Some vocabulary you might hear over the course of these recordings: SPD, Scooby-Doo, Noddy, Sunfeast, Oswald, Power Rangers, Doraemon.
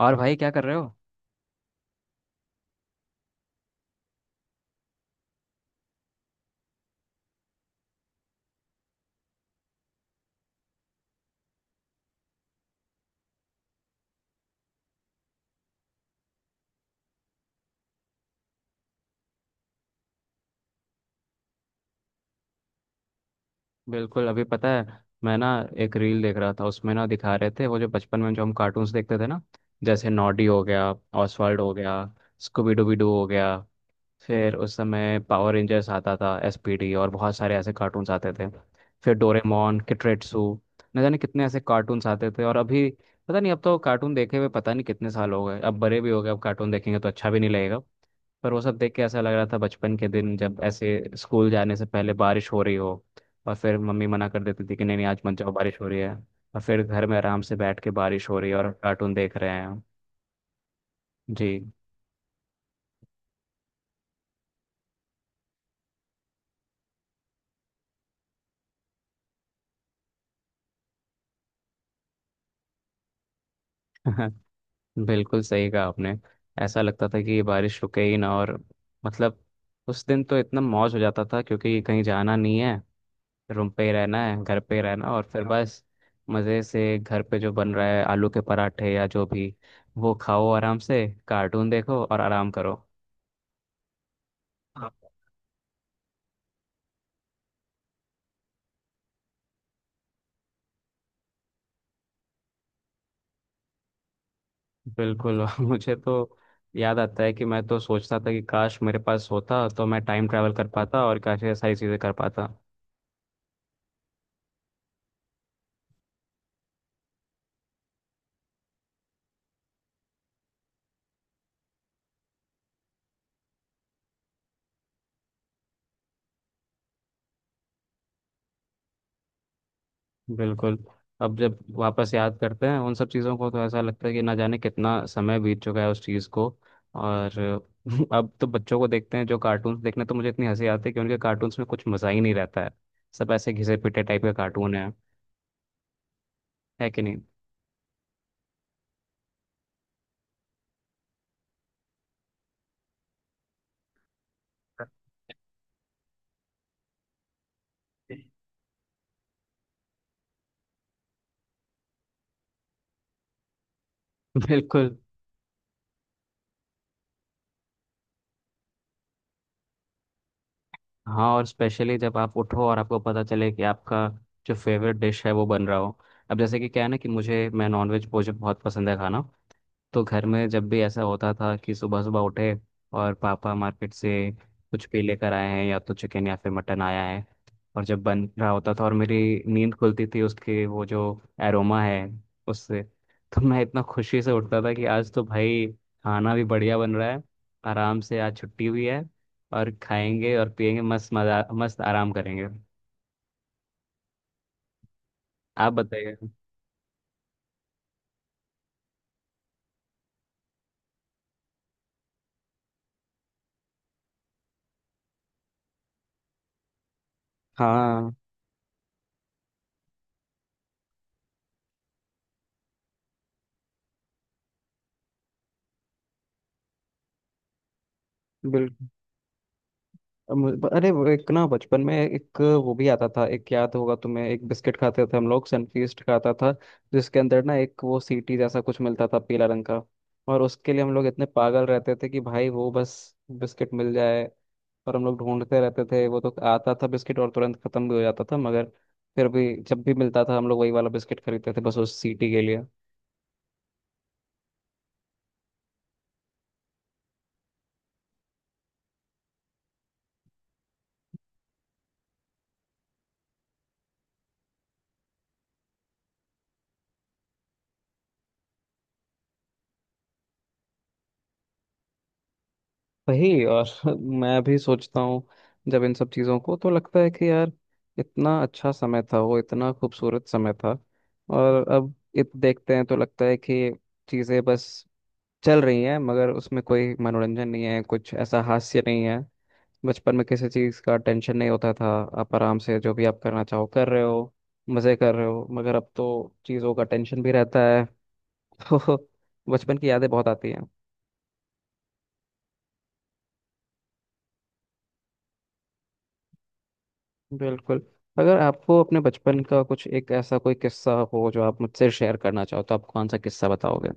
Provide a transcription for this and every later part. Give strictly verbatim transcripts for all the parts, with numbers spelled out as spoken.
और भाई क्या कर रहे हो। बिल्कुल, अभी पता है, मैं ना एक रील देख रहा था, उसमें ना दिखा रहे थे वो जो बचपन में जो हम कार्टून्स देखते थे ना। जैसे नॉडी हो गया, ऑसवर्ल्ड हो गया, स्कूबी डूबी डू हो गया। फिर उस समय पावर रेंजर्स आता था, एसपीडी, और बहुत सारे ऐसे कार्टून्स आते थे। फिर डोरेमोन, किट्रेट्सू, न जाने कितने ऐसे कार्टून्स आते थे। और अभी पता नहीं, अब तो कार्टून देखे हुए पता नहीं कितने साल हो गए, अब बड़े भी हो गए, अब कार्टून देखेंगे तो अच्छा भी नहीं लगेगा। पर वो सब देख के ऐसा लग रहा था बचपन के दिन जब ऐसे स्कूल जाने से पहले बारिश हो रही हो, और फिर मम्मी मना कर देती थी कि नहीं नहीं आज मत जाओ बारिश हो रही है। और फिर घर में आराम से बैठ के बारिश हो रही है और कार्टून देख रहे हैं। जी। बिल्कुल सही कहा आपने। ऐसा लगता था कि ये बारिश रुके ही ना, और मतलब उस दिन तो इतना मौज हो जाता था क्योंकि कहीं जाना नहीं है, रूम पे ही रहना है, घर पे ही रहना, और फिर हाँ, बस मज़े से घर पे जो बन रहा है आलू के पराठे या जो भी, वो खाओ आराम से, कार्टून देखो और आराम करो। हाँ। बिल्कुल। मुझे तो याद आता है कि मैं तो सोचता था कि काश मेरे पास होता तो मैं टाइम ट्रैवल कर पाता और काश ये सारी चीज़ें कर पाता। बिल्कुल, अब जब वापस याद करते हैं उन सब चीज़ों को तो ऐसा लगता है कि ना जाने कितना समय बीत चुका है उस चीज़ को। और अब तो बच्चों को देखते हैं जो कार्टून्स देखने, तो मुझे इतनी हंसी आती है कि उनके कार्टून्स में कुछ मज़ा ही नहीं रहता है। सब ऐसे घिसे पिटे टाइप के कार्टून है। है कि नहीं? बिल्कुल। हाँ, और स्पेशली जब आप उठो और आपको पता चले कि आपका जो फेवरेट डिश है वो बन रहा हो। अब जैसे कि क्या है ना कि मुझे मैं नॉनवेज मुझे बहुत पसंद है खाना। तो घर में जब भी ऐसा होता था कि सुबह सुबह उठे और पापा मार्केट से कुछ भी लेकर आए हैं, या तो चिकन या फिर मटन आया है, और जब बन रहा होता था और मेरी नींद खुलती थी उसके, वो जो एरोमा है उससे, तो मैं इतना खुशी से उठता था कि आज तो भाई खाना भी बढ़िया बन रहा है। आराम से आज छुट्टी हुई है और खाएंगे और पिएंगे मस्त मजा, मस्त आराम करेंगे। आप बताइए। हाँ। बिल्कुल। अम, अरे वो एक ना बचपन में एक वो भी आता था, एक याद होगा तुम्हें, एक बिस्किट खाते थे हम लोग, सनफीस्ट खाता था, जिसके अंदर ना एक वो सीटी जैसा कुछ मिलता था पीला रंग का। और उसके लिए हम लोग इतने पागल रहते थे कि भाई वो बस बिस्किट मिल जाए, और हम लोग ढूंढते रहते थे। वो तो आता था बिस्किट और तुरंत खत्म भी हो जाता था, मगर फिर भी जब भी मिलता था हम लोग वही वाला बिस्किट खरीदते थे, बस उस सीटी के लिए। वही। और मैं भी सोचता हूँ जब इन सब चीज़ों को, तो लगता है कि यार इतना अच्छा समय था वो, इतना खूबसूरत समय था। और अब इत देखते हैं तो लगता है कि चीज़ें बस चल रही हैं, मगर उसमें कोई मनोरंजन नहीं है, कुछ ऐसा हास्य नहीं है। बचपन में किसी चीज़ का टेंशन नहीं होता था, आप आराम से जो भी आप करना चाहो कर रहे हो, मज़े कर रहे हो। मगर अब तो चीज़ों का टेंशन भी रहता है। तो बचपन की यादें बहुत आती। बिल्कुल। अगर आपको अपने बचपन का कुछ एक ऐसा कोई किस्सा हो जो आप मुझसे शेयर करना चाहो, तो आप कौन सा किस्सा बताओगे?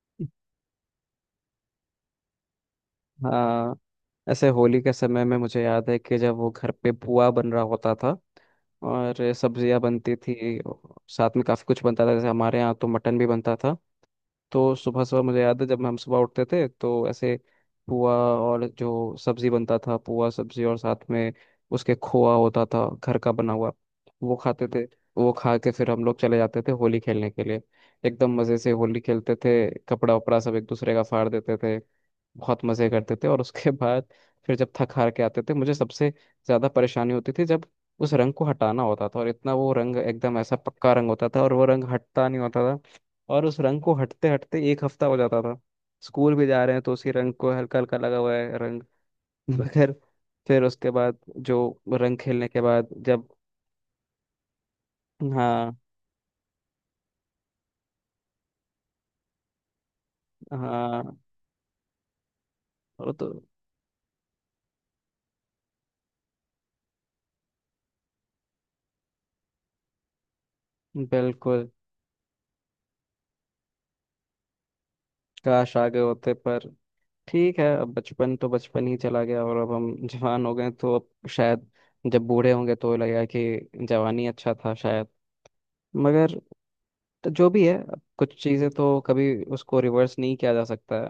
हाँ, ऐसे होली के समय में मुझे याद है कि जब वो घर पे पुआ बन रहा होता था और सब्जियां बनती थी, साथ में काफी कुछ बनता था। जैसे हमारे यहाँ तो मटन भी बनता था। तो सुबह सुबह मुझे याद है जब हम सुबह उठते थे तो ऐसे, पुआ, और जो सब्जी बनता था, पुआ सब्जी, और साथ में उसके खोआ होता था घर का बना हुआ, वो खाते थे। वो खा के फिर हम लोग चले जाते थे होली खेलने के लिए। एकदम मज़े से होली खेलते थे, कपड़ा वपड़ा सब एक दूसरे का फाड़ देते थे, बहुत मज़े करते थे। और उसके बाद फिर जब थक हार के आते थे, मुझे सबसे ज़्यादा परेशानी होती थी जब उस रंग को हटाना होता था। और इतना वो रंग एकदम ऐसा पक्का रंग होता था, और वो रंग हटता नहीं होता था, और उस रंग को हटते हटते एक हफ्ता हो जाता था। स्कूल भी जा रहे हैं तो उसी रंग को हल्का हल्का लगा हुआ है रंग। मगर फिर उसके बाद जो रंग खेलने के बाद जब, हाँ हाँ। वो तो बिल्कुल। काश आगे होते, पर ठीक है, अब बचपन तो बचपन ही चला गया और अब हम जवान हो गए, तो अब शायद जब बूढ़े होंगे तो लगेगा कि जवानी अच्छा था, शायद। मगर तो जो भी है, अब कुछ चीज़ें तो कभी उसको रिवर्स नहीं किया जा सकता है।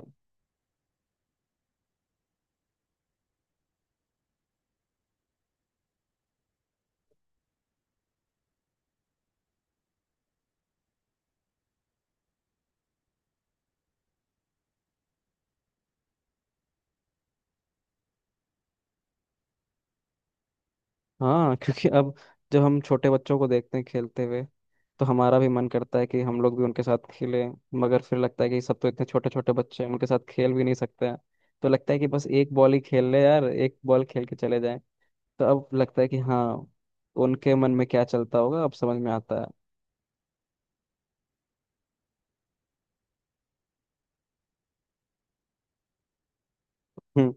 हाँ। क्योंकि अब जब हम छोटे बच्चों को देखते हैं खेलते हुए, तो हमारा भी मन करता है कि हम लोग भी उनके साथ खेलें। मगर फिर लगता है कि सब तो इतने छोटे छोटे बच्चे हैं, उनके साथ खेल भी नहीं सकते हैं। तो लगता है कि बस एक बॉल ही खेल ले यार, एक बॉल खेल के चले जाएं। तो अब लगता है कि हाँ, उनके मन में क्या चलता होगा अब समझ में आता है। हम्म।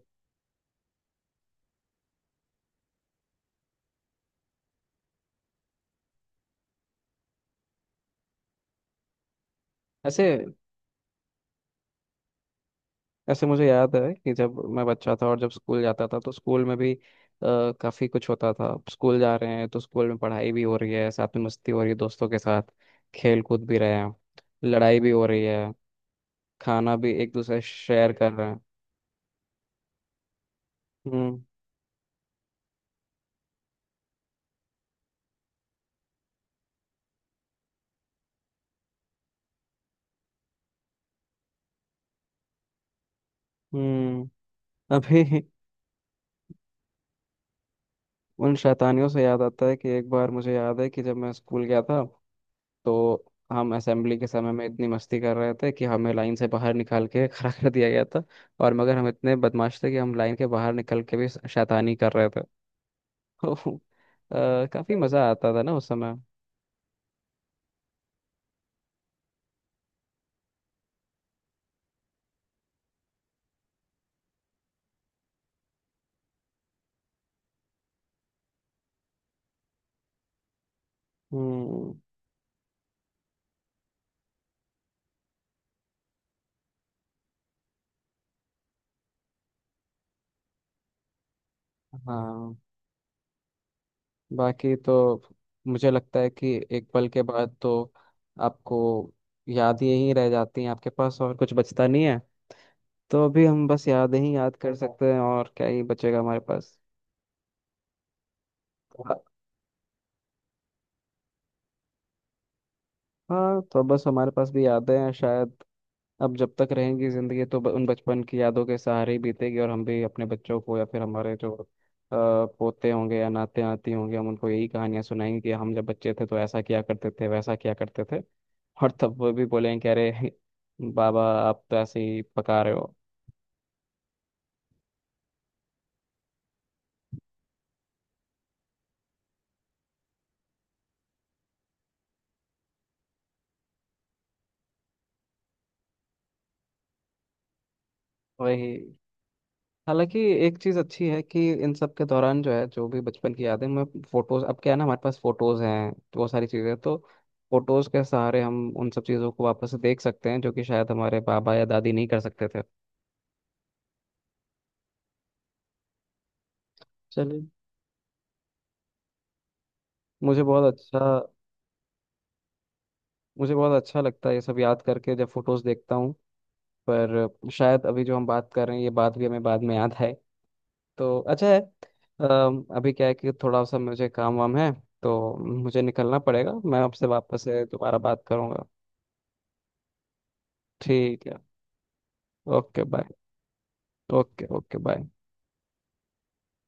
ऐसे ऐसे मुझे याद है कि जब मैं बच्चा था और जब स्कूल जाता था, तो स्कूल में भी अ, काफी कुछ होता था। स्कूल जा रहे हैं तो स्कूल में पढ़ाई भी हो रही है, साथ में मस्ती हो रही है दोस्तों के साथ, खेल कूद भी रहे हैं, लड़ाई भी हो रही है, खाना भी एक दूसरे शेयर कर रहे हैं। हम्म। हम्म। अभी उन शैतानियों से याद आता है कि एक बार मुझे याद है कि जब मैं स्कूल गया था, तो हम असेंबली के समय में इतनी मस्ती कर रहे थे कि हमें लाइन से बाहर निकाल के खड़ा कर दिया गया था। और मगर हम इतने बदमाश थे कि हम लाइन के बाहर निकल के भी शैतानी कर रहे थे। तो अ, काफी मजा आता था ना उस समय। हम्म। हाँ। बाकी तो मुझे लगता है कि एक पल के बाद तो आपको याद यही रह जाती हैं आपके पास, और कुछ बचता नहीं है। तो अभी हम बस यादें ही याद कर सकते हैं, और क्या ही बचेगा हमारे पास। हाँ, तो बस हमारे पास भी यादें हैं शायद। अब जब तक रहेंगी जिंदगी, तो ब, उन बचपन की यादों के सहारे ही बीतेगी, और हम भी अपने बच्चों को या फिर हमारे जो अ, पोते होंगे या नाते नाती होंगे, हम उनको यही कहानियां सुनाएंगे कि हम जब बच्चे थे तो ऐसा किया करते थे, वैसा किया करते थे। और तब वो भी बोलेंगे कि अरे, बाबा आप तो ऐसे ही पका रहे हो। वही। हालांकि एक चीज़ अच्छी है कि इन सब के दौरान जो है, जो भी बचपन की यादें मैं फोटोज, अब क्या है ना, हमारे पास फोटोज हैं, तो वो सारी चीज़ें तो फोटोज के सहारे हम उन सब चीज़ों को वापस से देख सकते हैं, जो कि शायद हमारे बाबा या दादी नहीं कर सकते थे। चलिए। मुझे बहुत अच्छा मुझे बहुत अच्छा लगता है ये सब याद करके जब फोटोज देखता हूँ। पर शायद अभी जो हम बात कर रहे हैं ये बात भी हमें बाद में याद आए, तो अच्छा है। अम, अभी क्या है कि थोड़ा सा मुझे काम वाम है, तो मुझे निकलना पड़ेगा। मैं आपसे वापस से दोबारा बात करूँगा। ठीक है, okay bye. Okay okay bye.